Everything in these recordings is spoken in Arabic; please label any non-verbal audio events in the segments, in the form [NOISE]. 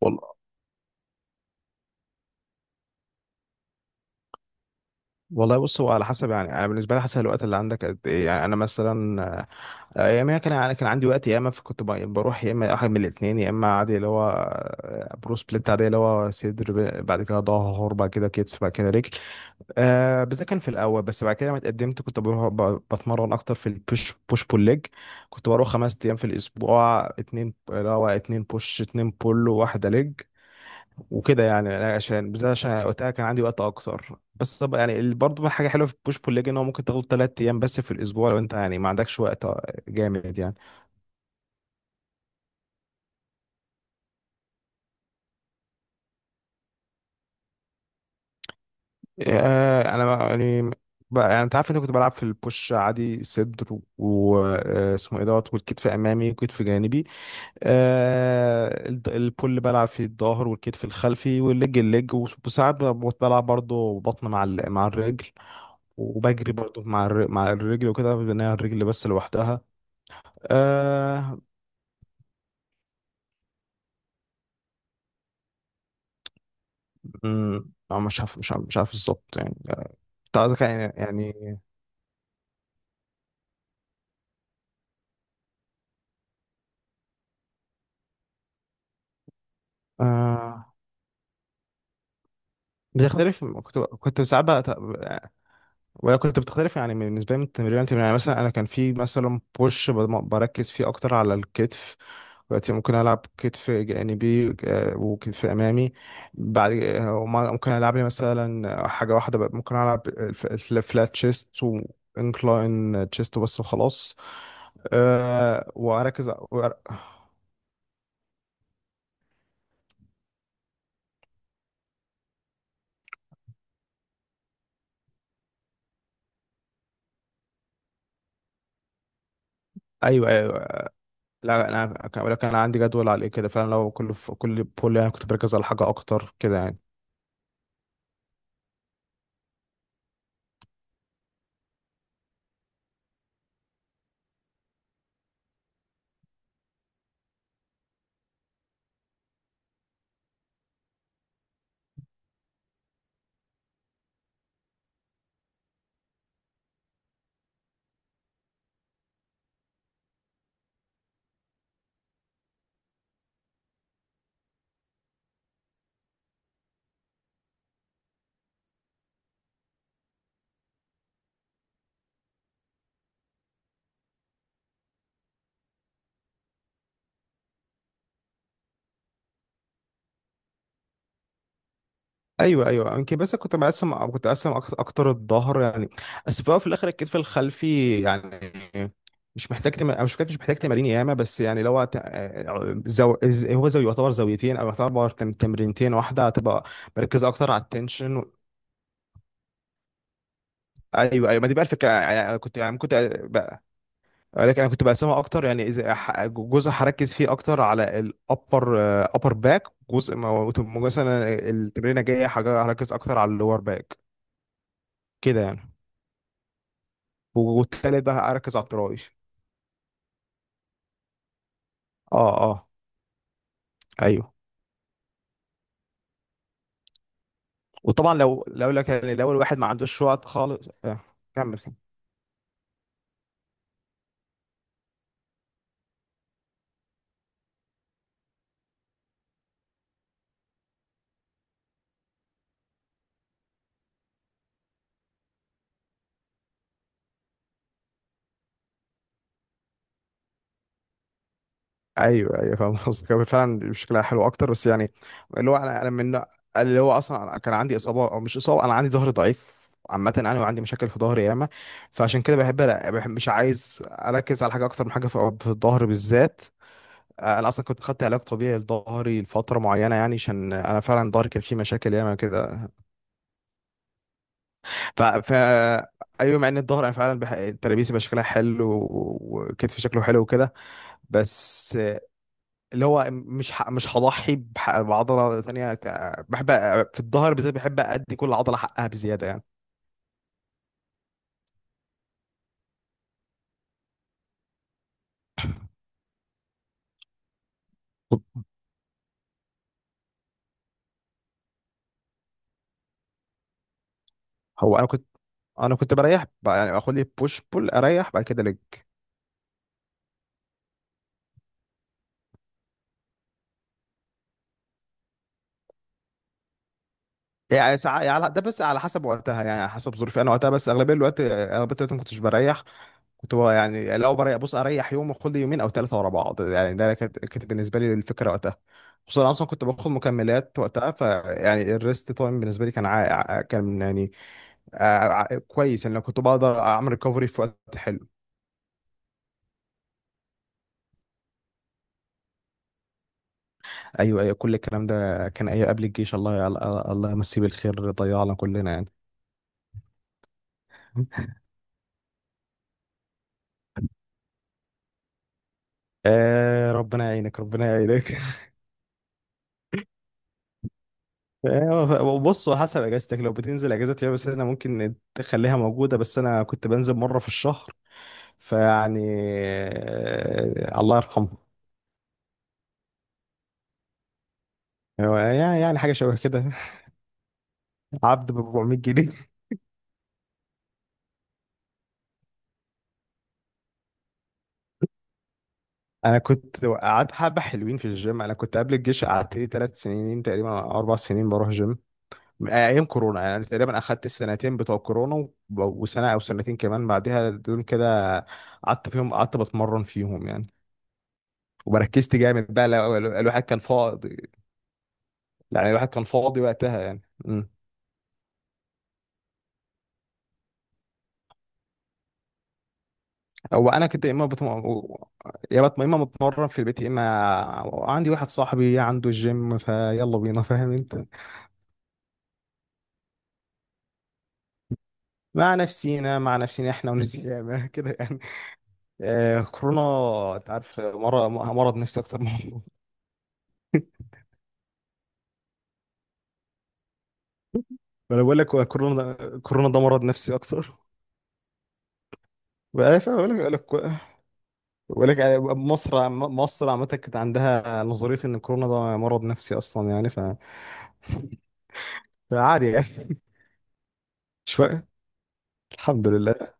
والله، والله بص، هو على حسب يعني. انا بالنسبه لي حسب الوقت اللي عندك قد ايه. يعني انا مثلا ايامها كان انا كان عندي وقت. يا اما فكنت بروح، يا اما واحد من الاثنين. يا اما عادي اللي هو برو سبليت، عادي اللي هو صدر بعد كده ظهر بعد كده كتف بعد كده رجل. آه بس ده كان في الاول، بس بعد كده لما اتقدمت كنت بروح بتمرن اكتر في البوش بول ليج. كنت بروح 5 ايام في الاسبوع، اتنين اللي هو اتنين بوش اتنين بول وواحده ليج. وكده يعني أنا، عشان بالذات عشان وقتها كان عندي وقت اكتر. بس طب يعني برضه حاجه حلوه في بوش بول ليج، ان هو ممكن تاخد 3 ايام بس في الاسبوع لو انت يعني ما عندكش وقت. جامد يعني. يعني بقى يعني انت عارف، انت كنت بلعب في البوش عادي صدر واسمه ايه دوت، والكتف امامي والكتف جانبي. آه البول بلعب في الظهر والكتف الخلفي، والليج الليج، وساعات بلعب برضه بطن مع مع الرجل. وبجري برضه مع مع الرجل. وكده بناء الرجل بس لوحدها. آه. لا، مش عارف بالظبط يعني. كنت عايز يعني آه بتختلف، كنت ساعات بقى وهي كنت بتختلف يعني بالنسبه لي من تمرين لتمرين. يعني مثلا انا كان في مثلا بوش بركز فيه اكتر على الكتف. دلوقتي ممكن العب كتف جانبي وكتف امامي بعد. ممكن العب لي مثلا حاجه واحده بقى، ممكن العب الفلات تشيست وانكلاين تشيست بس وخلاص. أه. ايوه ايوه أيوة. لا، انا ولكن انا عندي جدول عليه كده فعلا. لو كل بول يعني كنت بركز على حاجه اكتر كده يعني. ايوه ايوه، يمكن. بس كنت مقسم، أو كنت مقسم أكت- اكتر الظهر يعني، بس في الأول وفي الاخر الكتف الخلفي يعني. مش محتاج تم... أو مش محتاج مش محتاج تمارين ياما، بس يعني لو هو زو يعتبر زاويتين او يعتبر تمرينتين واحده، هتبقى مركز اكتر على التنشن. ايوه ايوه، ما دي بقى الفكره يعني. أنا كنت يعني كنت بقى، لكن انا كنت بقسمها اكتر. يعني اذا جزء هركز فيه اكتر على الابر، ابر باك. جزء مثلا التمرينه جايه هركز اكتر على اللور باك، كده يعني. والتالت بقى اركز على الطراويش. اه اه. ايوه. وطبعا لو لك يعني، لو الواحد ما عندوش وقت خالص آه. كمل كمل. ايوه ايوه، فاهم قصدك. هو فعلا شكلها حلو اكتر، بس يعني اللي هو انا، انا اللي هو اصلا أنا كان عندي اصابه، او مش اصابه، انا عندي ظهري ضعيف عامة. أنا وعندي مشاكل في ظهري ياما. فعشان كده بحب مش عايز أركز على حاجة أكتر من حاجة، في الظهر بالذات. انا اصلا كنت خدت علاج طبيعي لظهري لفتره معينه يعني. عشان انا فعلا ظهري كان فيه مشاكل ياما كده. ف ايوه، مع ان الظهر انا فعلا ترابيزي بقى شكلها حلو، وكتفي شكله حلو وكده. بس اللي هو مش هضحي بعضله ثانيه بحب في الظهر بالذات بحب ادي كل عضله حقها بزياده يعني. هو انا كنت، انا كنت بريح يعني اخد لي بوش بول اريح بعد كده لج. يعني ساعة يعني ده بس على حسب وقتها، يعني على حسب ظروفي انا وقتها. بس اغلبيه الوقت، اغلبيه الوقت ما كنتش بريح. كنت بقى يعني لو بص اريح يوم واخد لي يومين او ثلاثه ورا بعض يعني. ده كانت بالنسبه لي الفكره وقتها. خصوصا أنا اصلا كنت باخد مكملات وقتها، فيعني الريست تايم بالنسبه لي كان كان يعني آه، كويس يعني، لو كنت بقدر اعمل ريكفري في وقت حلو. ايوه ايوه، كل الكلام ده كان ايوه قبل الجيش. الله، الله، الله يمسيه بالخير، ضيعنا كلنا يعني. آه، ربنا يعينك ربنا يعينك. [LAUGHS] بص، على حسب اجازتك. لو بتنزل اجازات، يا بس انا ممكن تخليها موجوده. بس انا كنت بنزل مره في الشهر. فيعني الله يرحمه. هو يعني حاجه شبه كده. [LAUGHS] عبد ب 400 جنيه. انا كنت قعدت حبه حلوين في الجيم. انا كنت قبل الجيش قعدت لي 3 سنين تقريبا أو 4 سنين بروح جيم، من ايام كورونا يعني. انا تقريبا اخدت السنتين بتوع كورونا وسنه او سنتين كمان بعدها، دول كده قعدت فيهم، قعدت بتمرن فيهم يعني. وبركزت جامد بقى الواحد كان فاضي، يعني الواحد كان فاضي وقتها يعني م. هو انا كنت، يا اما بتمرن في البيت، يا اما عندي واحد صاحبي عنده الجيم فيلا بينا، فاهم انت. مع نفسينا، مع نفسينا، احنا ونسينا. [LAUGHS] كده يعني. آه كورونا. انت عارف مرض، مرض نفسي اكتر من. [LAUGHS] انا بقول لك هو كورونا، كورونا ده مرض نفسي اكتر. فاهم؟ بقول لك، بقول لك يعني، مصر مصر عامه كانت عندها نظريه ان كورونا ده مرض نفسي اصلا يعني. فعادي يعني. [LAUGHS] شويه. الحمد لله.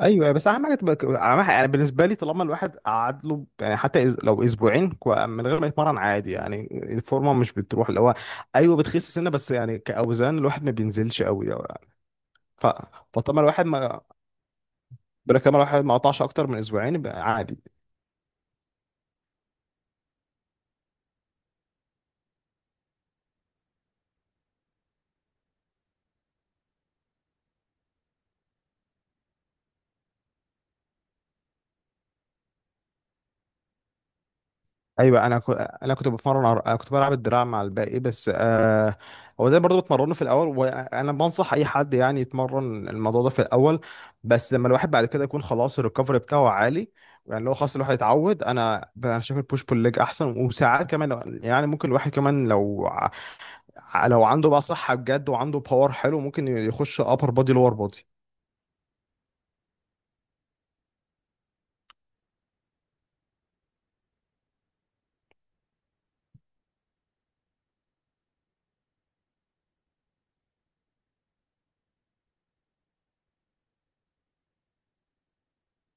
ايوه، بس اهم حاجه تبقى اهم حاجه يعني، بالنسبه لي طالما الواحد قعد له يعني حتى لو اسبوعين من غير ما يتمرن، عادي يعني. الفورمه مش بتروح، اللي هو ايوه بتخس سنه بس يعني، كاوزان الواحد ما بينزلش قوي يعني. ف... فطالما الواحد ما بلا كمان، الواحد ما قطعش اكتر من اسبوعين، يبقى عادي. ايوه، انا انا كنت بتمرن انا كنت بلعب الدراع مع الباقي بس هو ده برضه بتمرنه في الاول، وانا بنصح اي حد يعني يتمرن الموضوع ده في الاول، بس لما الواحد بعد كده يكون خلاص الريكفري بتاعه عالي يعني. لو خلاص الواحد اتعود، انا شايف البوش بول ليج احسن. وساعات كمان يعني ممكن الواحد كمان لو لو عنده بقى صحة بجد وعنده باور حلو، ممكن يخش ابر بودي لور بودي.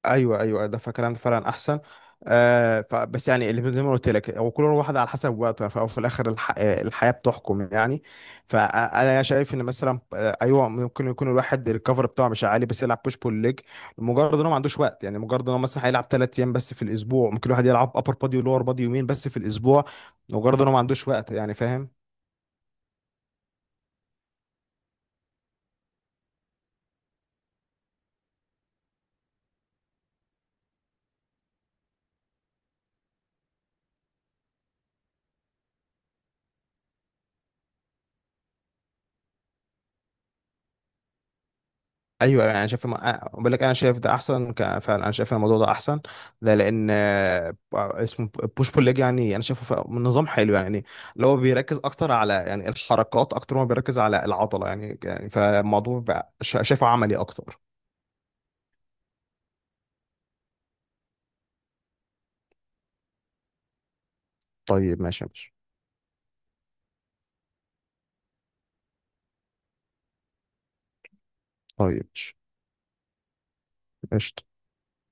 ايوه ايوه، ده فكلام فعلا احسن. آه بس يعني، اللي زي ما قلت لك، هو كل واحد على حسب وقته وفي الاخر الحياه بتحكم يعني. فانا شايف ان مثلا ايوه، ممكن يكون الواحد الكفر بتاعه مش عالي بس يلعب بوش بول ليج، مجرد انه ما عندوش وقت يعني. مجرد انه مثلا هيلعب ثلاث ايام بس في الاسبوع. ممكن الواحد يلعب ابر بادي ولور بادي يومين بس في الاسبوع، مجرد انه ما عندوش وقت يعني، فاهم. ايوه، يعني انا شايف ما- أه، بقول لك انا شايف ده احسن فعلا، انا شايف إن الموضوع ده احسن. ده لان آه، اسمه بوش بول ليج يعني انا شايفه من نظام حلو يعني، اللي هو بيركز اكتر على يعني الحركات اكتر ما بيركز على العضله يعني يعني. فالموضوع بقى شايفه عملي اكتر. طيب ماشي يا باشا، طيب ماشي. قشطة.